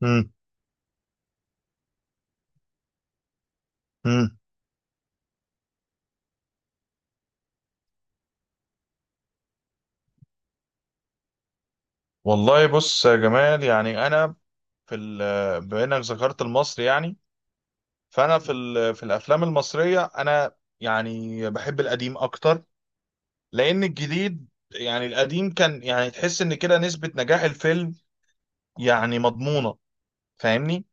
مم. مم. والله بص يا جمال، يعني انا بما انك ذكرت المصري، يعني فانا في الافلام المصريه، انا يعني بحب القديم اكتر، لان الجديد يعني القديم كان، يعني تحس ان كده نسبه نجاح الفيلم يعني مضمونه. فاهمني؟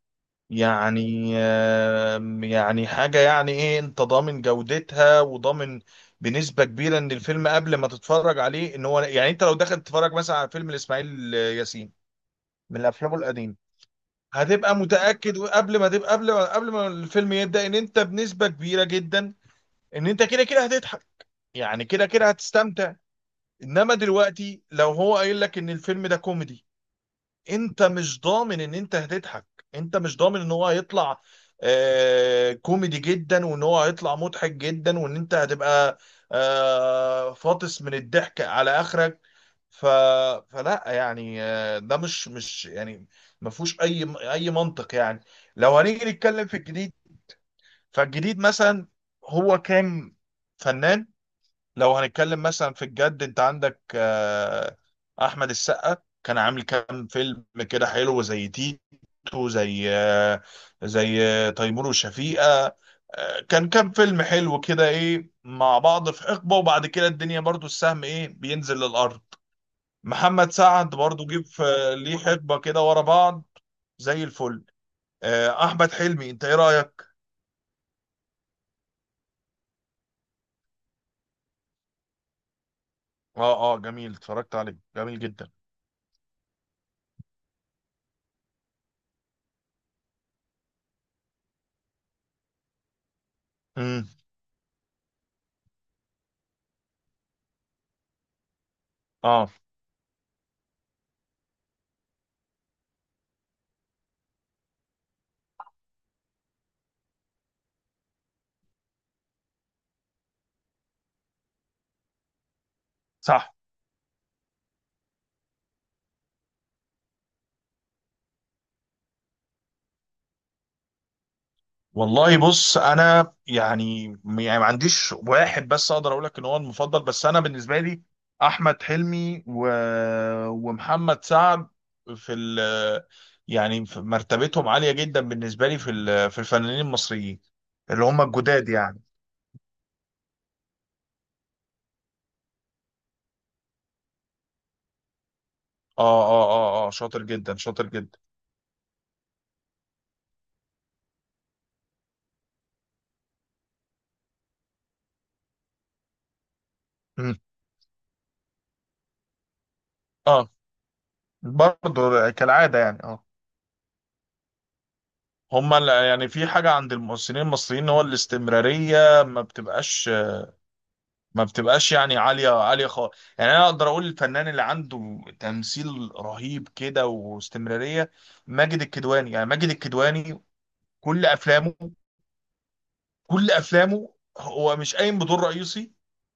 يعني يعني حاجه يعني ايه، انت ضامن جودتها، وضامن بنسبه كبيره ان الفيلم قبل ما تتفرج عليه ان هو، يعني انت لو دخلت تتفرج مثلا على فيلم لاسماعيل ياسين من افلامه القديمه، هتبقى متأكد قبل ما تبقى قبل ما قبل ما الفيلم يبدأ ان انت بنسبة كبيرة جدا ان انت كده كده هتضحك، يعني كده كده هتستمتع. انما دلوقتي لو هو قايل لك ان الفيلم ده كوميدي، انت مش ضامن ان انت هتضحك، انت مش ضامن ان هو هيطلع كوميدي جدا، وان هو هيطلع مضحك جدا، وان انت هتبقى فاطس من الضحك على اخرك. ف... فلا يعني ده مش يعني، ما فيهوش اي منطق يعني. لو هنيجي نتكلم في الجديد، فالجديد مثلا هو كان فنان. لو هنتكلم مثلا في الجد، انت عندك احمد السقا، كان عامل كام فيلم كده حلو، زي تيتو، زي تيمور وشفيقة. كان كام فيلم حلو كده ايه مع بعض في حقبة، وبعد كده الدنيا برضو السهم ايه بينزل للأرض. محمد سعد برضو جه في ليه حقبة كده ورا بعض، زي الفل. احمد حلمي، انت ايه رأيك؟ اه، اه، جميل، اتفرجت عليه، جميل جدا. امم. اه. صح. والله بص، انا يعني ما عنديش واحد بس اقدر اقول لك ان هو المفضل، بس انا بالنسبه لي احمد حلمي ومحمد سعد في ال... يعني في مرتبتهم عاليه جدا بالنسبه لي، في الفنانين المصريين اللي هم الجداد يعني. اه، اه، اه، اه، شاطر جدا شاطر جدا. مم. اه. برضه كالعاده يعني. اه، يعني في حاجة عند الممثلين المصريين، هو الاستمرارية ما بتبقاش، ما بتبقاش يعني عالية عالية خالص. يعني أنا أقدر أقول الفنان اللي عنده تمثيل رهيب كده واستمرارية ماجد الكدواني، يعني ماجد الكدواني كل أفلامه، كل أفلامه هو مش قايم بدور رئيسي،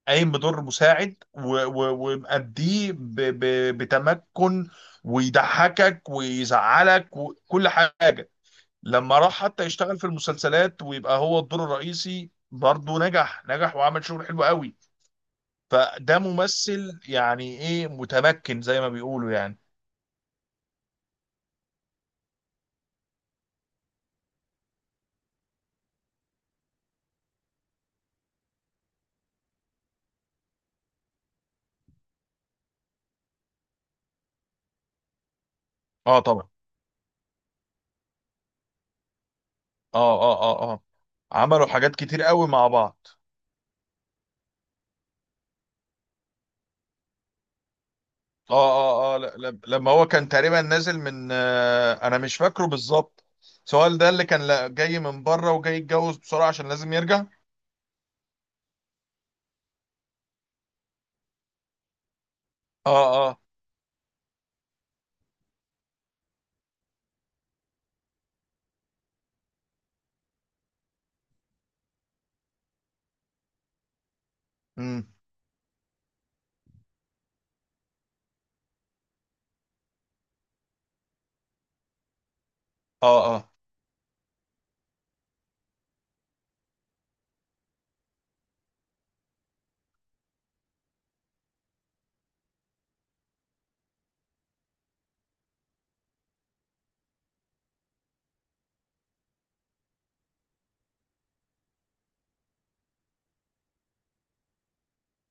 قايم بدور مساعد ومأديه بتمكن، ويضحكك ويزعلك وكل حاجة. لما راح حتى يشتغل في المسلسلات ويبقى هو الدور الرئيسي، برضه نجح نجح، وعمل شغل حلو قوي. فده ممثل يعني ايه متمكن زي ما بيقولوا يعني. اه طبعا. اه، اه، اه، اه. عملوا حاجات كتير قوي مع بعض. اه، اه، اه، لما هو كان تقريبا نازل من انا مش فاكره بالظبط سؤال ده اللي كان جاي من بره وجاي يتجوز بسرعة عشان لازم يرجع. اه. اه. امم. اه. اه،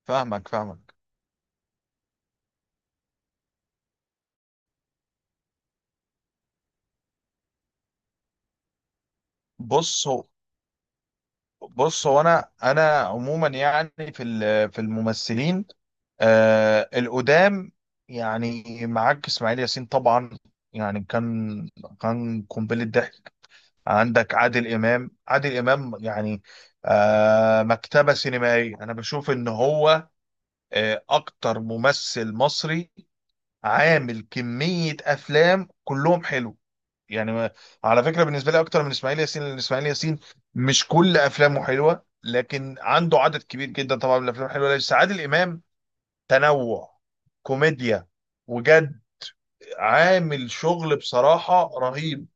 فاهمك فاهمك. بص هو بص هو، انا عموما يعني في الممثلين القدام، يعني معاك اسماعيل ياسين طبعا، يعني كان قنبله ضحك. عندك عادل امام، عادل امام يعني مكتبه سينمائيه، انا بشوف ان هو اكتر ممثل مصري عامل كميه افلام كلهم حلو، يعني على فكره بالنسبه لي اكتر من اسماعيل ياسين، لان اسماعيل ياسين مش كل افلامه حلوه، لكن عنده عدد كبير جدا طبعا من الافلام الحلوه. بس عادل امام تنوع، كوميديا وجد، عامل شغل بصراحه رهيب.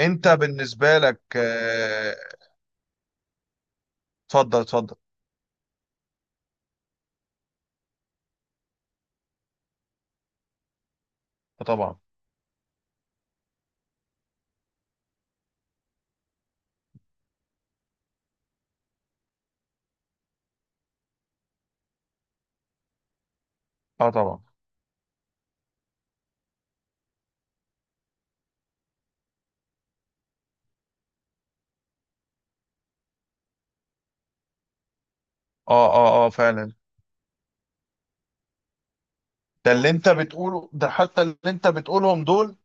انت بالنسبه لك اتفضل اتفضل. طبعا. اه طبعا. اه، اه، اه، فعلا. ده اللي انت بتقوله ده، حتى اللي انت بتقولهم دول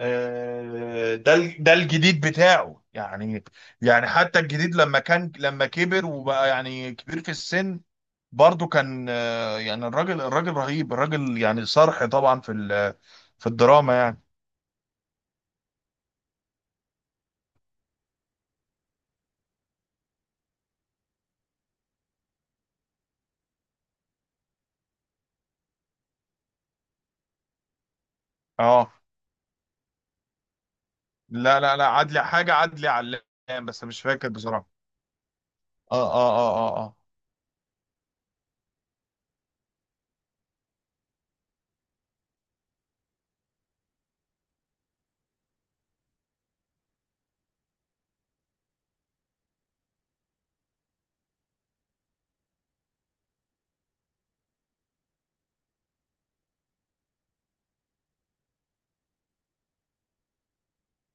ده الجديد بتاعه يعني. يعني حتى الجديد لما كبر وبقى يعني كبير في السن، برضه كان آه، يعني الراجل الراجل رهيب، الراجل يعني صرح طبعا في الدراما يعني. اه. لا، عدلي حاجة، عدلي علام، بس مش فاكر بصراحة. اه، اه، اه، اه،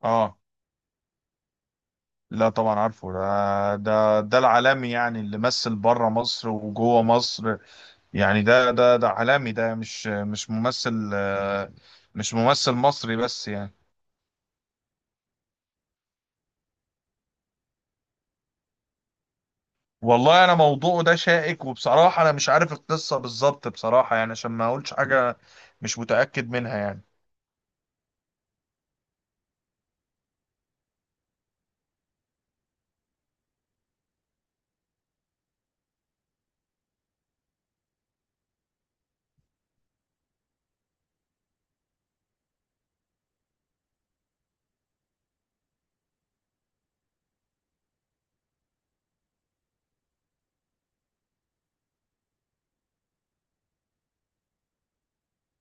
اه، اه، لا طبعا عارفه، ده العالمي، يعني اللي مثل بره مصر وجوه مصر، يعني ده عالمي، ده مش ممثل آه، مش ممثل مصري بس يعني. والله انا موضوعه ده شائك، وبصراحة انا مش عارف القصة بالظبط، بصراحة يعني عشان ما اقولش حاجة مش متأكد منها يعني.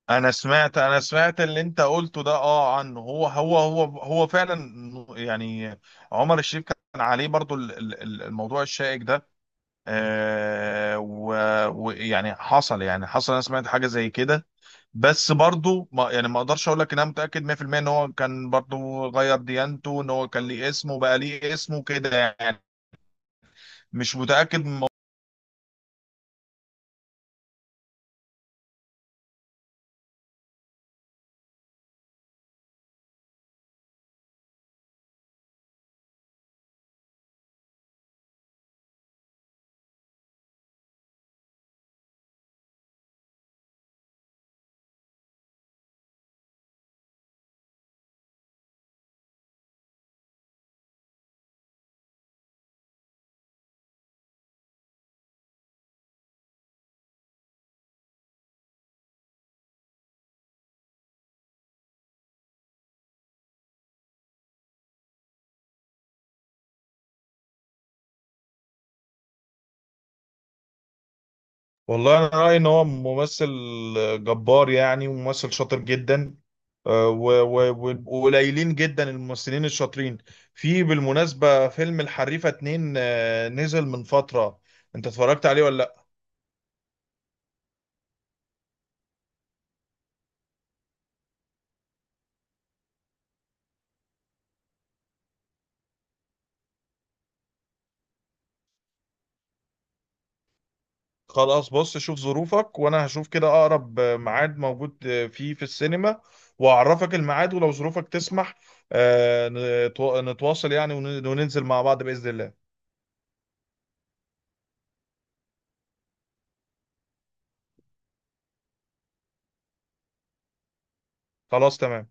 انا سمعت اللي انت قلته ده، اه عنه، هو فعلا يعني. عمر الشريف كان عليه برضو الموضوع الشائك ده آه، ويعني حصل، يعني حصل، انا سمعت حاجة زي كده. بس برضو ما يعني ما اقدرش اقول لك ان انا متاكد 100% ان هو كان برضو غير ديانته، ان هو كان ليه اسمه كده يعني، مش متاكد من الموضوع. والله انا رايي ان هو ممثل جبار يعني، وممثل شاطر جدا آه، وقليلين جدا الممثلين الشاطرين. في بالمناسبه فيلم الحريفه اتنين آه، نزل من فتره، انت اتفرجت عليه ولا؟ خلاص بص، شوف ظروفك، وانا هشوف كده اقرب ميعاد موجود فيه في السينما، واعرفك الميعاد، ولو ظروفك تسمح آه، نتواصل يعني وننزل مع بعض بإذن الله. خلاص تمام.